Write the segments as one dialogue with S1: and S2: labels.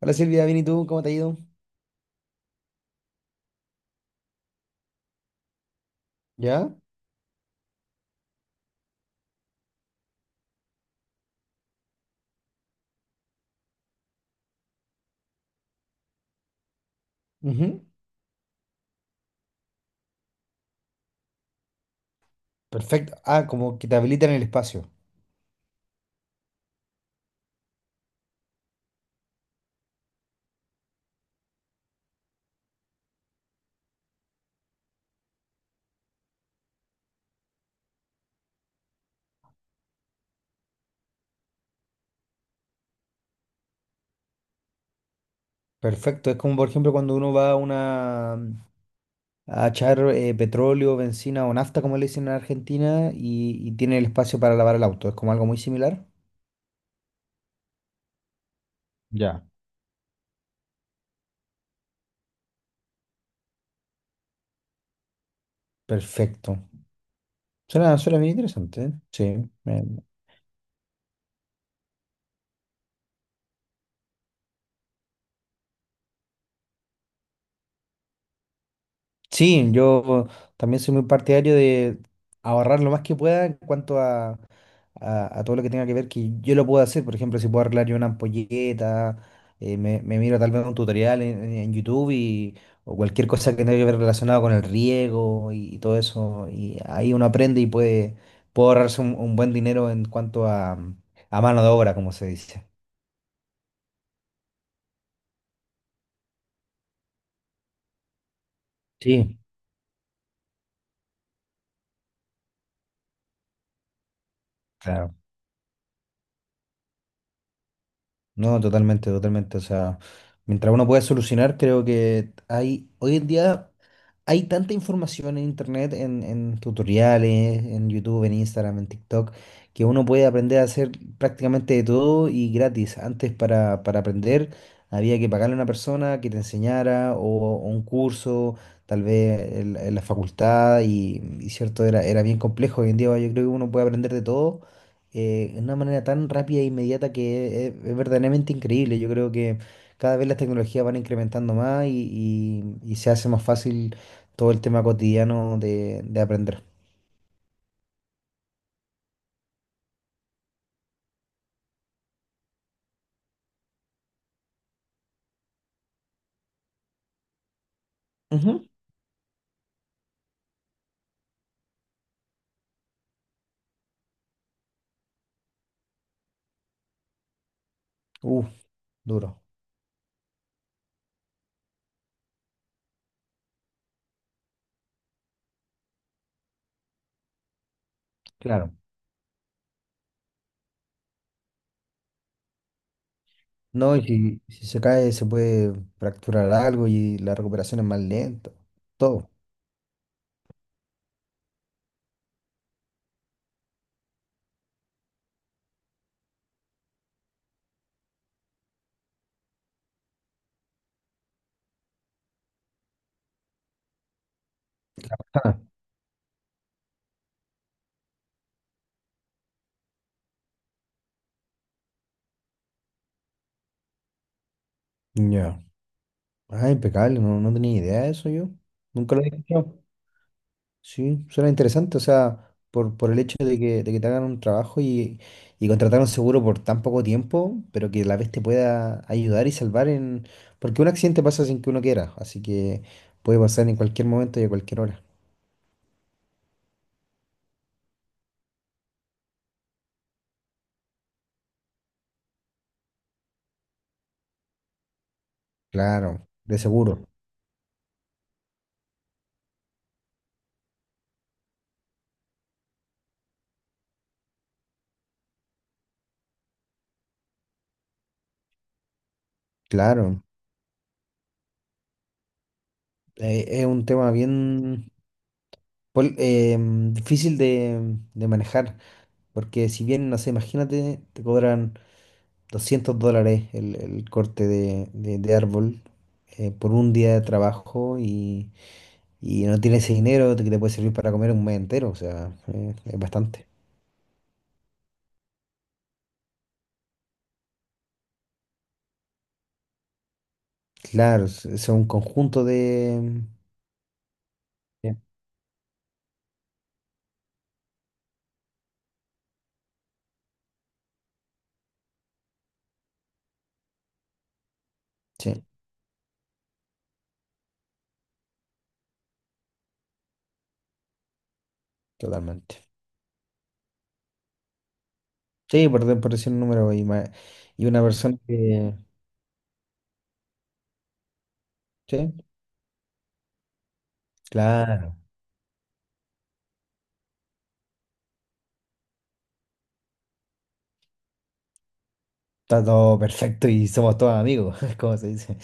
S1: Hola Silvia, bien y tú, ¿cómo te ha ido? ¿Ya? Ujú. Perfecto. Ah, como que te habilitan el espacio. Perfecto. Es como, por ejemplo, cuando uno va a una a echar petróleo, benzina o nafta, como le dicen en Argentina, y tiene el espacio para lavar el auto. Es como algo muy similar. Ya. Perfecto. Suena bien interesante. ¿Eh? Sí. Sí, yo también soy muy partidario de ahorrar lo más que pueda en cuanto a, a todo lo que tenga que ver que yo lo puedo hacer. Por ejemplo, si puedo arreglar yo una ampolleta, me miro tal vez un tutorial en YouTube y, o cualquier cosa que tenga que ver relacionado con el riego y todo eso. Y ahí uno aprende y puede, puede ahorrarse un buen dinero en cuanto a mano de obra, como se dice. Sí. Claro. No, totalmente, totalmente. O sea, mientras uno pueda solucionar, creo que hay hoy en día. Hay tanta información en internet, en tutoriales, en YouTube, en Instagram, en TikTok, que uno puede aprender a hacer prácticamente de todo y gratis. Antes para aprender había que pagarle a una persona que te enseñara o un curso, tal vez en la facultad y cierto, era bien complejo. Hoy en día yo creo que uno puede aprender de todo de una manera tan rápida e inmediata que es verdaderamente increíble. Yo creo que cada vez las tecnologías van incrementando más y y se hace más fácil todo el tema cotidiano de aprender. Ujú. Uf, duro. Claro. No, y si se cae se puede fracturar algo y la recuperación es más lenta. Todo. Ah, ya. Ah, impecable, no, no tenía idea de eso yo. Nunca lo había escuchado. Sí, suena interesante, o sea, por el hecho de que te hagan un trabajo y contratar un seguro por tan poco tiempo, pero que a la vez te pueda ayudar y salvar en... Porque un accidente pasa sin que uno quiera, así que puede pasar en cualquier momento y a cualquier hora. Claro, de seguro, claro. Es un tema bien difícil de manejar, porque si bien, no sé, imagínate, te cobran $200 el, el corte de árbol por un día de trabajo y no tienes ese dinero que te puede servir para comer un mes entero, o sea, es bastante. Claro, es un conjunto de... Sí, sí, totalmente. Sí, por, por decir un número y, y una persona que... Sí. Claro, está todo perfecto y somos todos amigos, como se dice.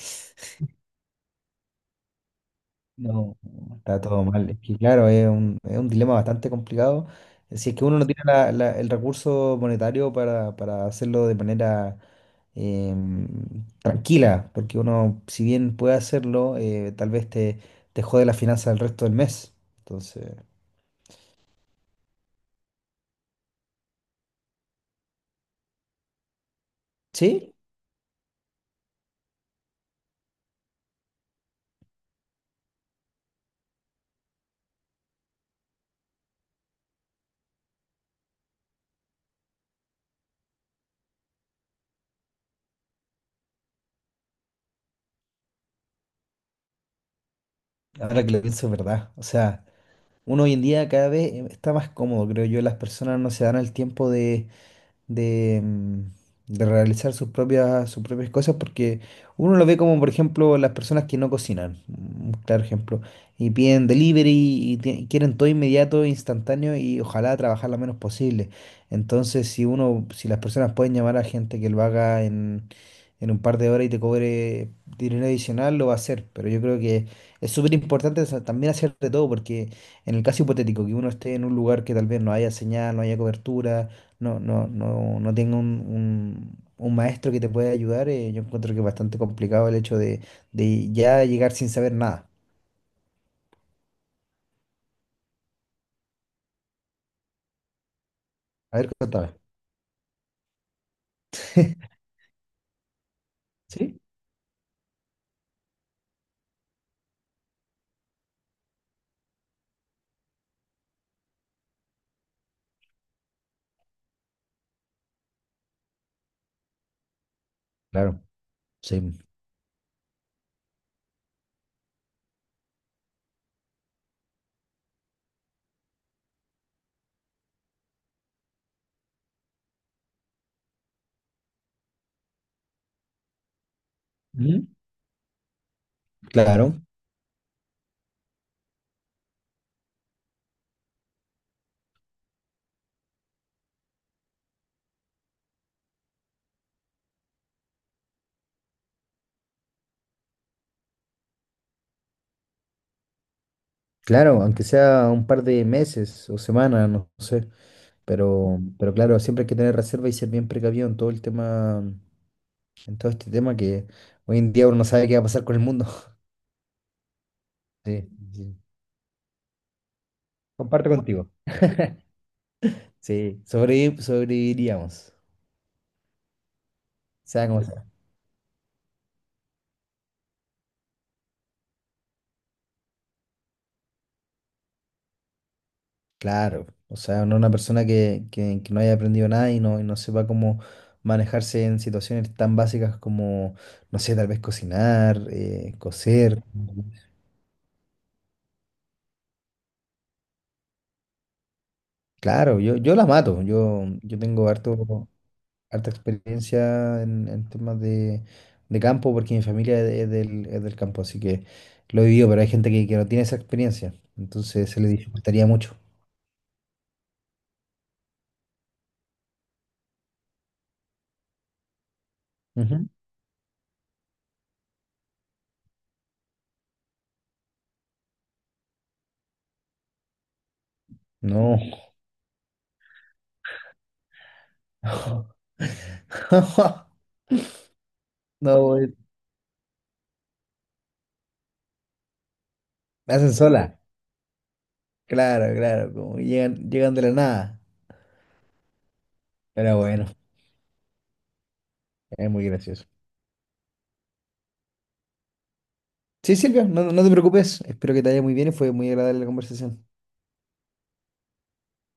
S1: No, está todo mal. Es que claro, es un dilema bastante complicado. Si es que uno no tiene el recurso monetario para hacerlo de manera tranquila, porque uno, si bien puede hacerlo, tal vez te, te jode la finanza el resto del mes. Entonces, sí, ahora que lo pienso es verdad. O sea, uno hoy en día cada vez está más cómodo, creo yo. Las personas no se dan el tiempo de de, mm, de realizar sus propias cosas, porque uno lo ve como, por ejemplo, las personas que no cocinan, un claro ejemplo, y piden delivery y quieren todo inmediato, instantáneo y ojalá trabajar lo menos posible. Entonces, si uno, si las personas pueden llamar a gente que lo haga en un par de horas y te cobre dinero adicional, lo va a hacer, pero yo creo que es súper importante también hacer de todo, porque en el caso hipotético, que uno esté en un lugar que tal vez no haya señal, no haya cobertura, no tenga un, un maestro que te pueda ayudar, yo encuentro que es bastante complicado el hecho de ya llegar sin saber nada. A ver, contame. Sí, claro, sí. Ujú. Claro, claro, aunque sea un par de meses o semanas, no sé, pero claro, siempre hay que tener reserva y ser bien precavido en todo el tema, en todo este tema que hoy en día uno no sabe qué va a pasar con el mundo. Sí, sí. Comparto contigo. Sí, sobreviviríamos, sea como claro, o sea, no una persona que, que no haya aprendido nada y no, y no sepa cómo manejarse en situaciones tan básicas como, no sé, tal vez cocinar, coser. Claro, yo la mato, yo, harta experiencia en temas de campo porque mi familia es, es del campo, así que lo he vivido, pero hay gente que no tiene esa experiencia, entonces se le dificultaría mucho. Ujú. No, no, no, me hacen sola. Claro, claro, como llegan, llegan de la nada. Pero bueno, es muy gracioso. Sí, Silvia, no, no te preocupes. Espero que te haya muy bien y fue muy agradable la conversación.